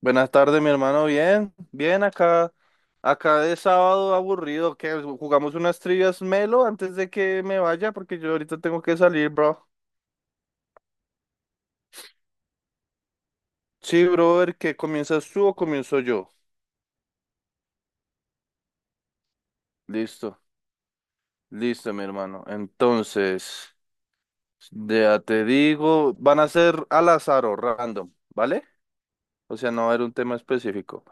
Buenas tardes, mi hermano. Bien, bien acá. Acá de sábado aburrido, que jugamos unas trivias melo antes de que me vaya porque yo ahorita tengo que salir, bro. Sí, brother, ¿qué comienzas tú o comienzo yo? Listo, listo, mi hermano. Entonces, ya te digo, van a ser al azar o random, ¿vale? O sea, no va a haber un tema específico.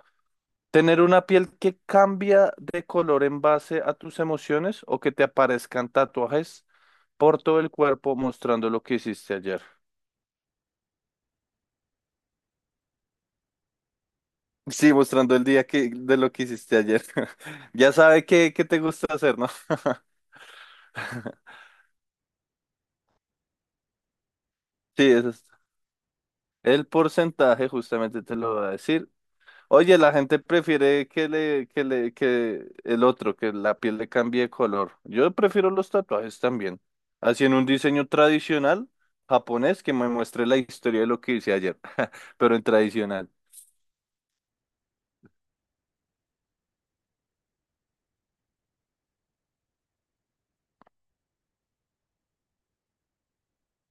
¿Tener una piel que cambia de color en base a tus emociones o que te aparezcan tatuajes por todo el cuerpo mostrando lo que hiciste ayer? Sí, mostrando el día que, de lo que hiciste ayer. Ya sabe qué te gusta hacer, ¿no? Sí, eso es. El porcentaje justamente te lo va a decir. Oye, la gente prefiere que el otro, que la piel le cambie de color. Yo prefiero los tatuajes también. Así en un diseño tradicional japonés que me muestre la historia de lo que hice ayer, pero en tradicional.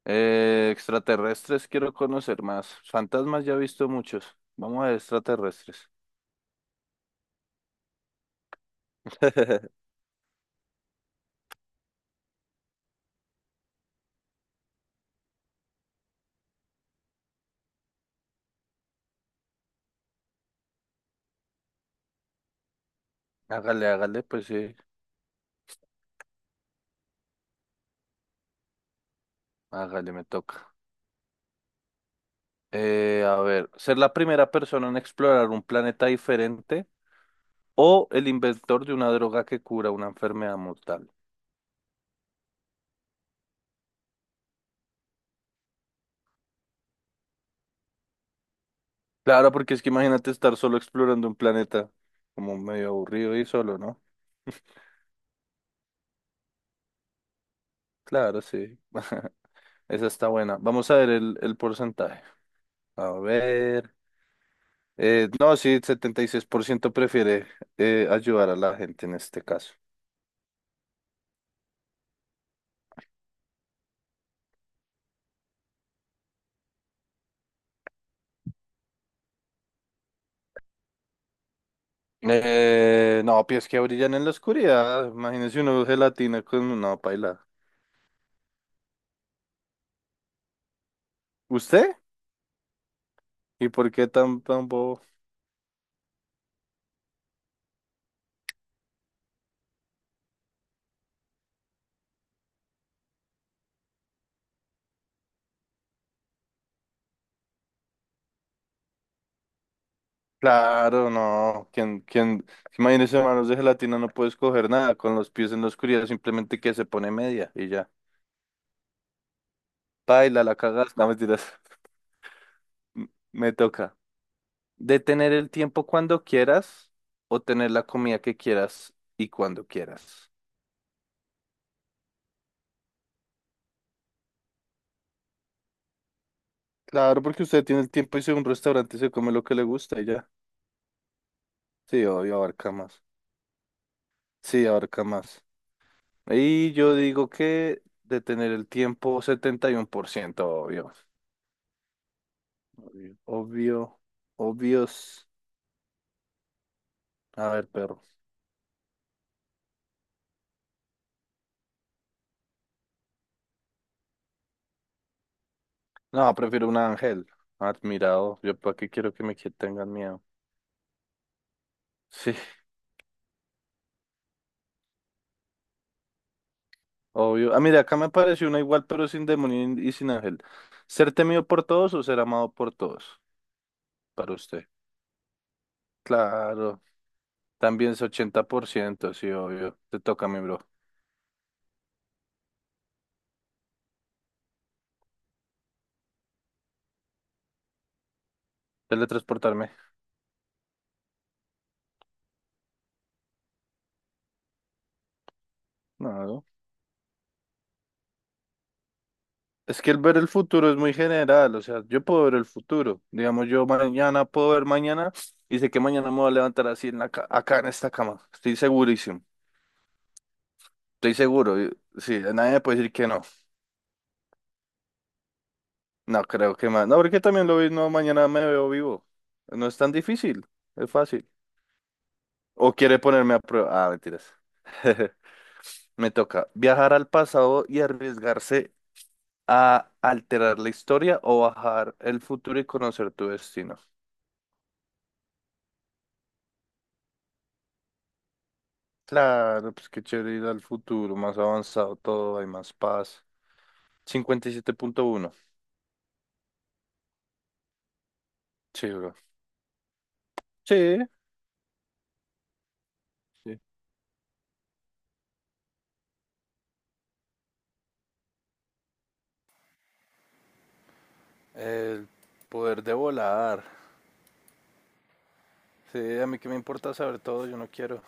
Extraterrestres quiero conocer más. Fantasmas ya he visto muchos. Vamos a ver extraterrestres. Hágale, hágale, pues sí. Hágale, me toca. A ver, ser la primera persona en explorar un planeta diferente o el inventor de una droga que cura una enfermedad mortal. Claro, porque es que imagínate estar solo explorando un planeta como medio aburrido y solo, ¿no? Claro, sí. Esa está buena. Vamos a ver el porcentaje. A ver. No, sí, 76% prefiere ayudar a la gente en este caso. No, pies que brillan en la oscuridad. Imagínese uno gelatina con una paila. ¿Usted? ¿Y por qué tan, tan bobo? Claro, no. ¿Quién, quién? Imagínese manos de gelatina, no puede escoger nada con los pies en la oscuridad, simplemente que se pone media y ya. Paila, la cagas. No, mentiras. Me toca. Detener el tiempo cuando quieras o tener la comida que quieras y cuando quieras. Claro, porque usted tiene el tiempo y si un restaurante se come lo que le gusta y ya. Sí, obvio, abarca más. Sí, abarca más. Y yo digo que de tener el tiempo, 71%, obvio. Obvio, obvio, obvios. A ver, perro. No, prefiero un ángel. Admirado. Yo para qué quiero que me tengan miedo. Sí, obvio. Ah, mira, acá me apareció una igual, pero sin demonio y sin ángel. ¿Ser temido por todos o ser amado por todos? Para usted. Claro. También es 80% sí, obvio. Te toca, mi bro. Teletransportarme. No. Es que el ver el futuro es muy general, o sea, yo puedo ver el futuro. Digamos, yo mañana puedo ver mañana y sé que mañana me voy a levantar así en acá en esta cama. Estoy segurísimo. Estoy seguro. Sí, nadie me puede decir que no. No creo que más. No, porque también lo vi, no, mañana me veo vivo. No es tan difícil, es fácil. O quiere ponerme a prueba. Ah, mentiras. Me toca viajar al pasado y arriesgarse a alterar la historia o bajar el futuro y conocer tu destino. Claro, pues qué chévere ir al futuro, más avanzado todo, hay más paz. 57.1. Sí, bro. Sí. Sí. El poder de volar. Sí, a mí que me importa saber todo, yo no quiero.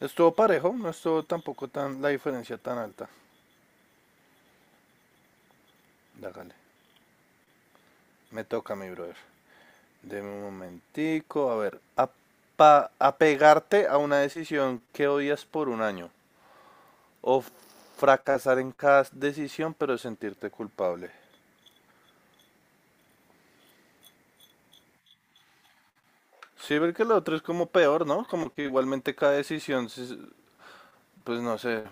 Estuvo parejo, no estuvo tampoco tan la diferencia tan alta. Dágale. Me toca, mi brother. Deme un momentico, a ver. Apegarte a una decisión que odias por un año o fracasar en cada decisión, pero sentirte culpable. Sí, ver que lo otro es como peor, ¿no? Como que igualmente cada decisión, sí, pues no sé.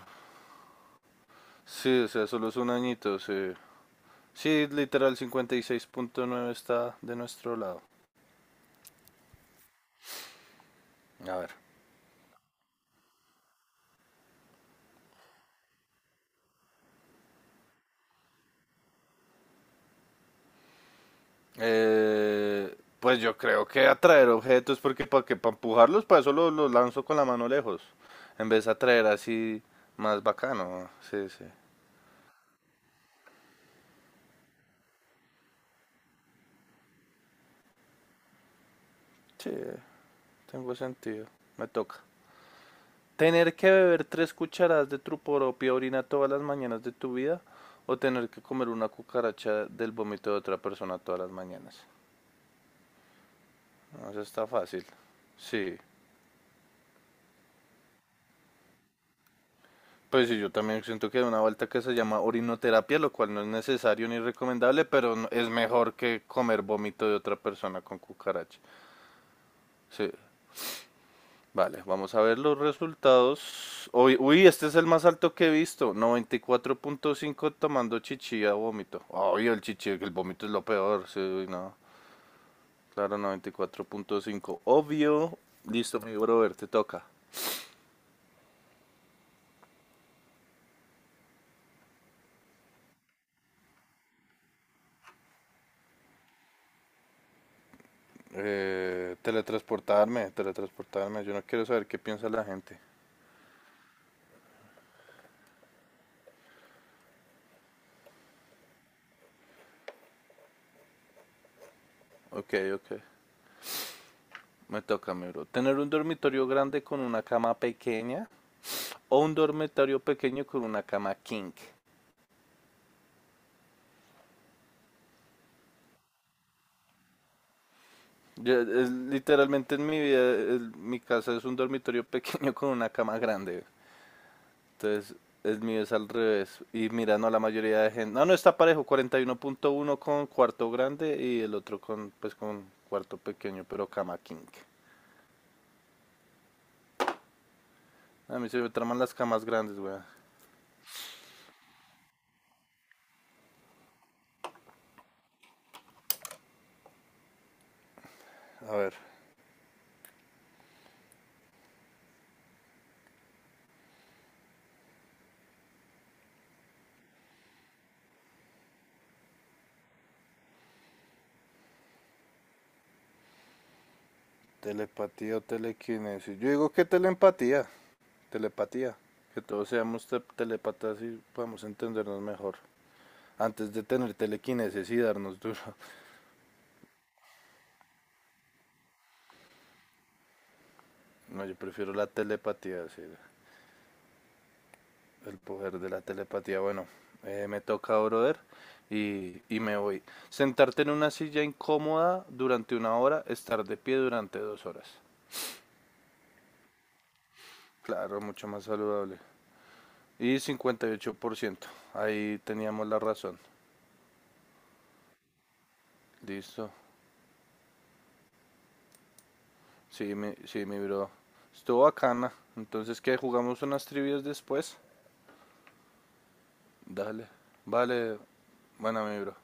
Sí, o sea, solo es un añito, sí. Sí, literal 56.9 está de nuestro lado. A ver. Pues yo creo que atraer objetos, porque para que para empujarlos, para eso los lanzo con la mano lejos. En vez de atraer así más bacano. Sí, sí. Sí, tengo sentido. Me toca. Tener que beber 3 cucharadas de tu propia orina todas las mañanas de tu vida o tener que comer una cucaracha del vómito de otra persona todas las mañanas. No, eso está fácil. Sí. Pues sí, yo también siento que hay una vuelta que se llama orinoterapia, lo cual no es necesario ni recomendable, pero es mejor que comer vómito de otra persona con cucaracha. Sí. Vale, vamos a ver los resultados. Uy, uy, este es el más alto que he visto. 94.5 tomando chichi a vómito. Obvio, el chichi, el vómito es lo peor. Sí, no. Claro, 94.5. Obvio. Listo, mi brother, te toca. Teletransportarme, teletransportarme. Yo no quiero saber qué piensa la gente. Ok, ok. Me toca, mi bro. Tener un dormitorio grande con una cama pequeña o un dormitorio pequeño con una cama king. Literalmente en mi vida, mi casa es un dormitorio pequeño con una cama grande. Entonces, el mío es al revés. Y mira, no, la mayoría de gente. No, no está parejo. 41.1 con cuarto grande y el otro con, pues, con cuarto pequeño, pero cama king. A mí se me traman las camas grandes, weón. A ver, telepatía o telequinesis. Yo digo que telepatía. Telepatía. Que todos seamos telepatas y podamos entendernos mejor. Antes de tener telequinesis y darnos duro. No, yo prefiero la telepatía, sí, el poder de la telepatía. Bueno, me toca, brother, y me voy. Sentarte en una silla incómoda durante una hora, estar de pie durante 2 horas. Claro, mucho más saludable. Y 58% ahí teníamos la razón. Listo. Sí, mi bro. Estuvo bacana. Entonces, ¿qué? ¿Jugamos unas trivias después? Dale. Vale. Bueno, mi bro.